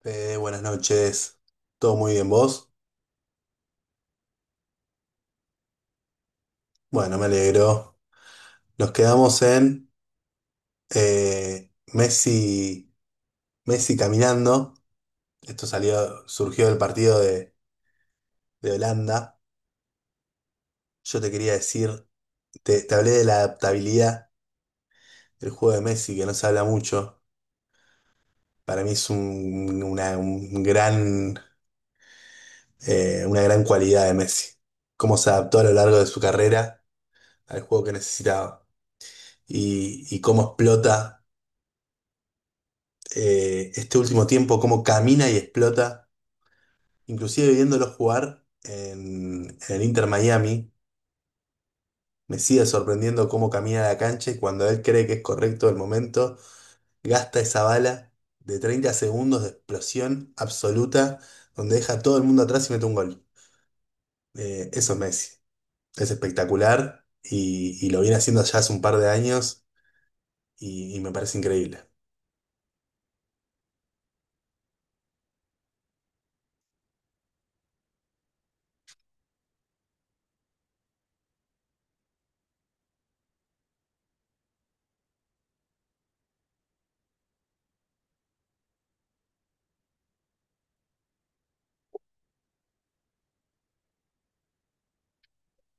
Fede, buenas noches. ¿Todo muy bien vos? Bueno, me alegro. Nos quedamos en eh, Messi, Messi caminando. Esto salió, surgió del partido de Holanda. Yo te quería decir, te hablé de la adaptabilidad del juego de Messi, que no se habla mucho. Para mí es un, una, un gran, una gran cualidad de Messi. Cómo se adaptó a lo largo de su carrera al juego que necesitaba y cómo explota. Este último tiempo, cómo camina y explota, inclusive viéndolo jugar en el Inter Miami, me sigue sorprendiendo cómo camina la cancha y cuando él cree que es correcto el momento, gasta esa bala de 30 segundos de explosión absoluta, donde deja a todo el mundo atrás y mete un gol. Eso es Messi, es espectacular y lo viene haciendo ya hace un par de años y me parece increíble.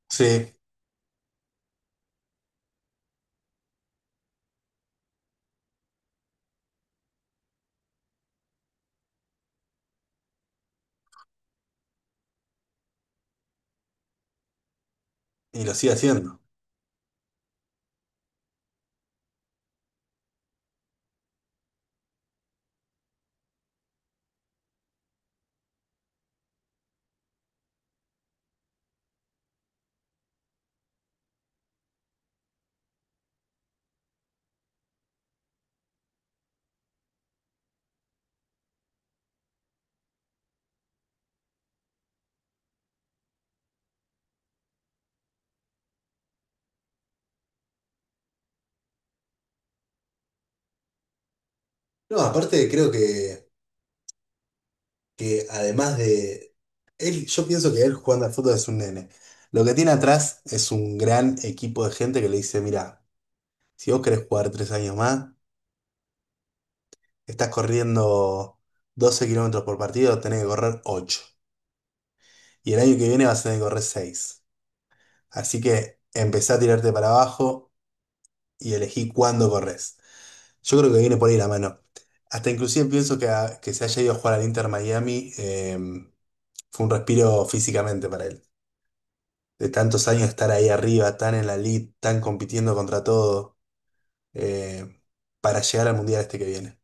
Sí, y lo sigue haciendo. No, aparte creo que además de él, yo pienso que él jugando al fútbol es un nene. Lo que tiene atrás es un gran equipo de gente que le dice, mira, si vos querés jugar 3 años más, estás corriendo 12 kilómetros por partido, tenés que correr ocho. Y el año que viene vas a tener que correr seis. Así que empezá a tirarte para abajo y elegí cuándo corres. Yo creo que viene por ahí la mano. Hasta inclusive pienso que se haya ido a jugar al Inter Miami, fue un respiro físicamente para él. De tantos años estar ahí arriba, tan en la lead, tan compitiendo contra todo, eh, para llegar al mundial este que viene.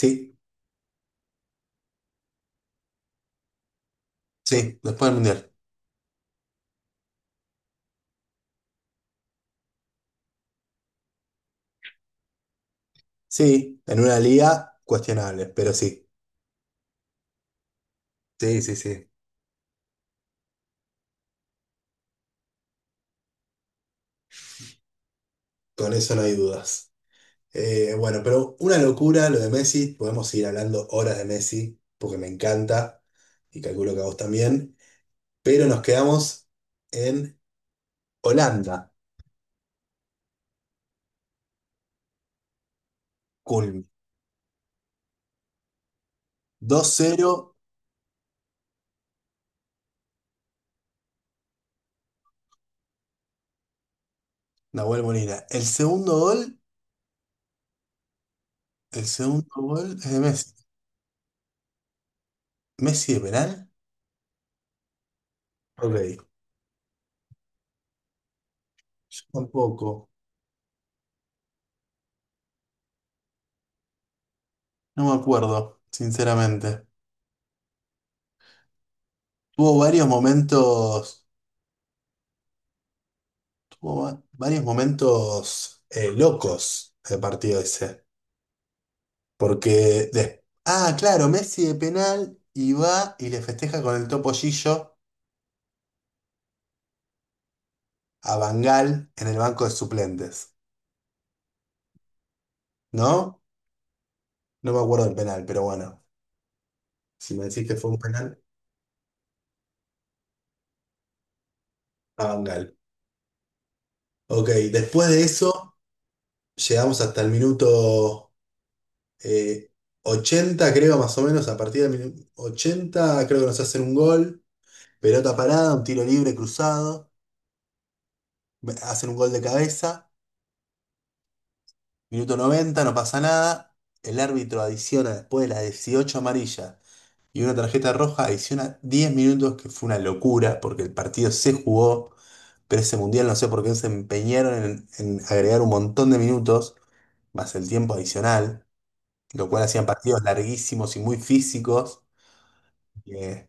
Sí, sí, después del mundial. Sí, en una liga cuestionable, pero sí. Sí, sí, sí. Con eso no hay dudas. Bueno, pero una locura lo de Messi. Podemos seguir hablando horas de Messi, porque me encanta y calculo que a vos también. Pero nos quedamos en Holanda. Culm. 2-0, Nahuel Molina. El segundo gol. El segundo gol es de Messi. ¿Messi de penal? Ok. Yo tampoco. No me acuerdo, sinceramente. Tuvo varios momentos. Tuvo varios momentos locos el partido ese. Porque. Ah, claro, Messi de penal y va y le festeja con el topollillo a Bangal en el banco de suplentes. ¿No? No me acuerdo del penal, pero bueno. Si me decís que fue un penal, a Bangal. Ok, después de eso. Llegamos hasta el minuto eh, 80, creo, más o menos. A partir del minuto 80 creo que nos hacen un gol. Pelota parada, un tiro libre cruzado. Hacen un gol de cabeza. Minuto 90 no pasa nada. El árbitro adiciona, después de las 18 amarillas y una tarjeta roja, adiciona 10 minutos, que fue una locura, porque el partido se jugó, pero ese mundial no sé por qué se empeñaron en agregar un montón de minutos, más el tiempo adicional, lo cual hacían partidos larguísimos y muy físicos. eh,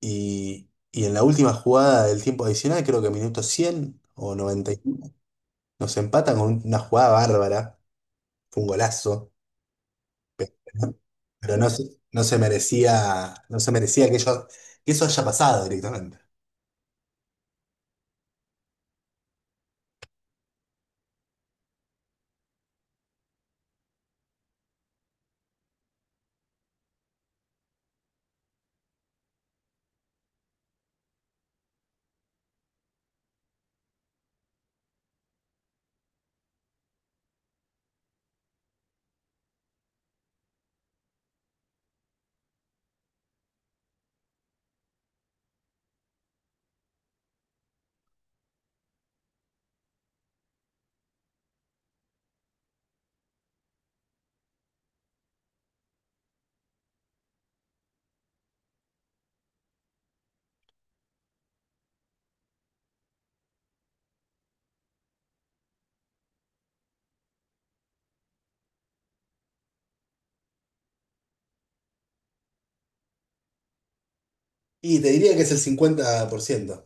y en la última jugada del tiempo adicional, creo que minuto 100 o 90, nos empatan con una jugada bárbara, fue un golazo, pero, pero no se merecía, no se merecía que eso haya pasado directamente. Y te diría que es el 50%,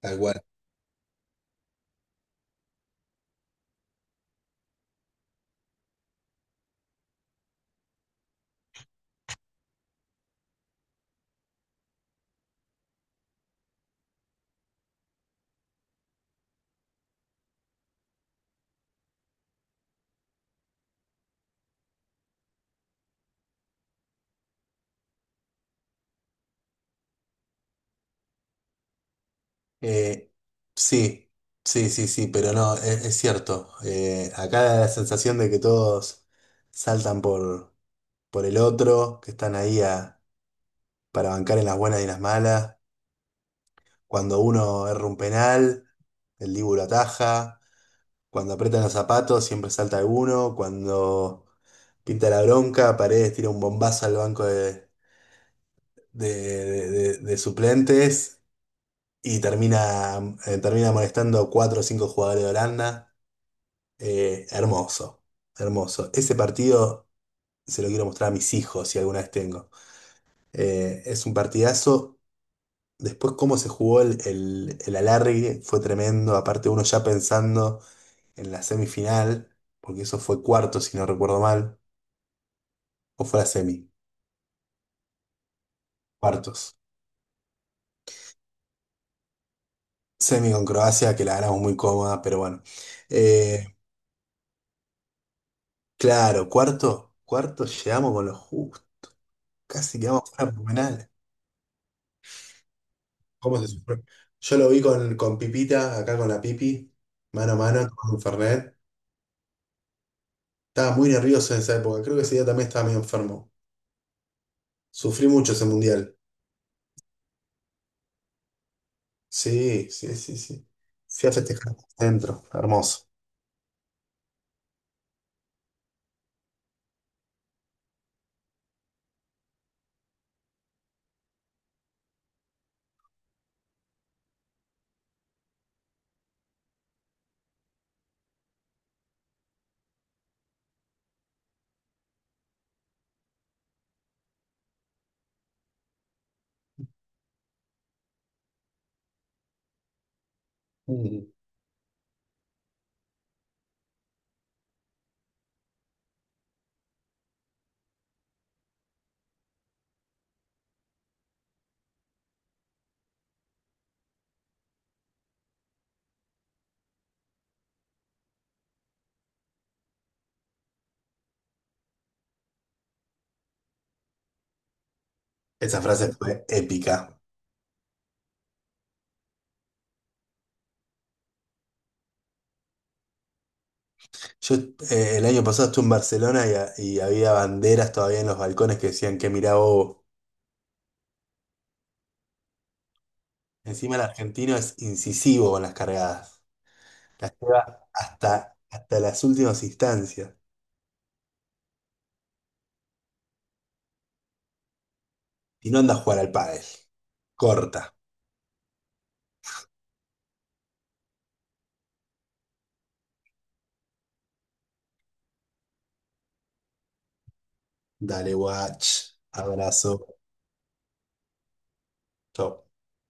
tal cual. Eh, sí, sí, sí, sí, pero no, es cierto. Acá da la sensación de que todos saltan por el otro, que están ahí para bancar en las buenas y en las malas. Cuando uno erra un penal, el Dibu lo ataja. Cuando aprietan los zapatos, siempre salta alguno. Cuando pinta la bronca, Paredes tira un bombazo al banco de- de suplentes y termina, termina molestando cuatro o cinco jugadores de Holanda. Hermoso, hermoso. Ese partido se lo quiero mostrar a mis hijos si alguna vez tengo. Es un partidazo. Después cómo se jugó el alargue fue tremendo, aparte uno ya pensando en la semifinal, porque eso fue cuartos, si no recuerdo mal, o fue la semi. Cuartos. Semi con Croacia, que la ganamos muy cómoda, pero bueno. Eh, claro, cuarto, cuarto llegamos con los justos, casi quedamos fuera por penales. ¿Cómo se sufrió? Yo lo vi con Pipita, acá con la Pipi, mano a mano, con Fernet. Estaba muy nervioso en esa época, creo que ese día también estaba medio enfermo. Sufrí mucho ese mundial. Sí, sí, sí, sí. Fui a festejar dentro, hermoso. Mm. Esa frase fue épica. Yo el año pasado estuve en Barcelona y había banderas todavía en los balcones que decían que mirá bobo. Encima el argentino es incisivo con las cargadas. Lleva hasta las últimas instancias. Y no anda a jugar al pádel. Corta. Dale, watch. Abrazo. Chau.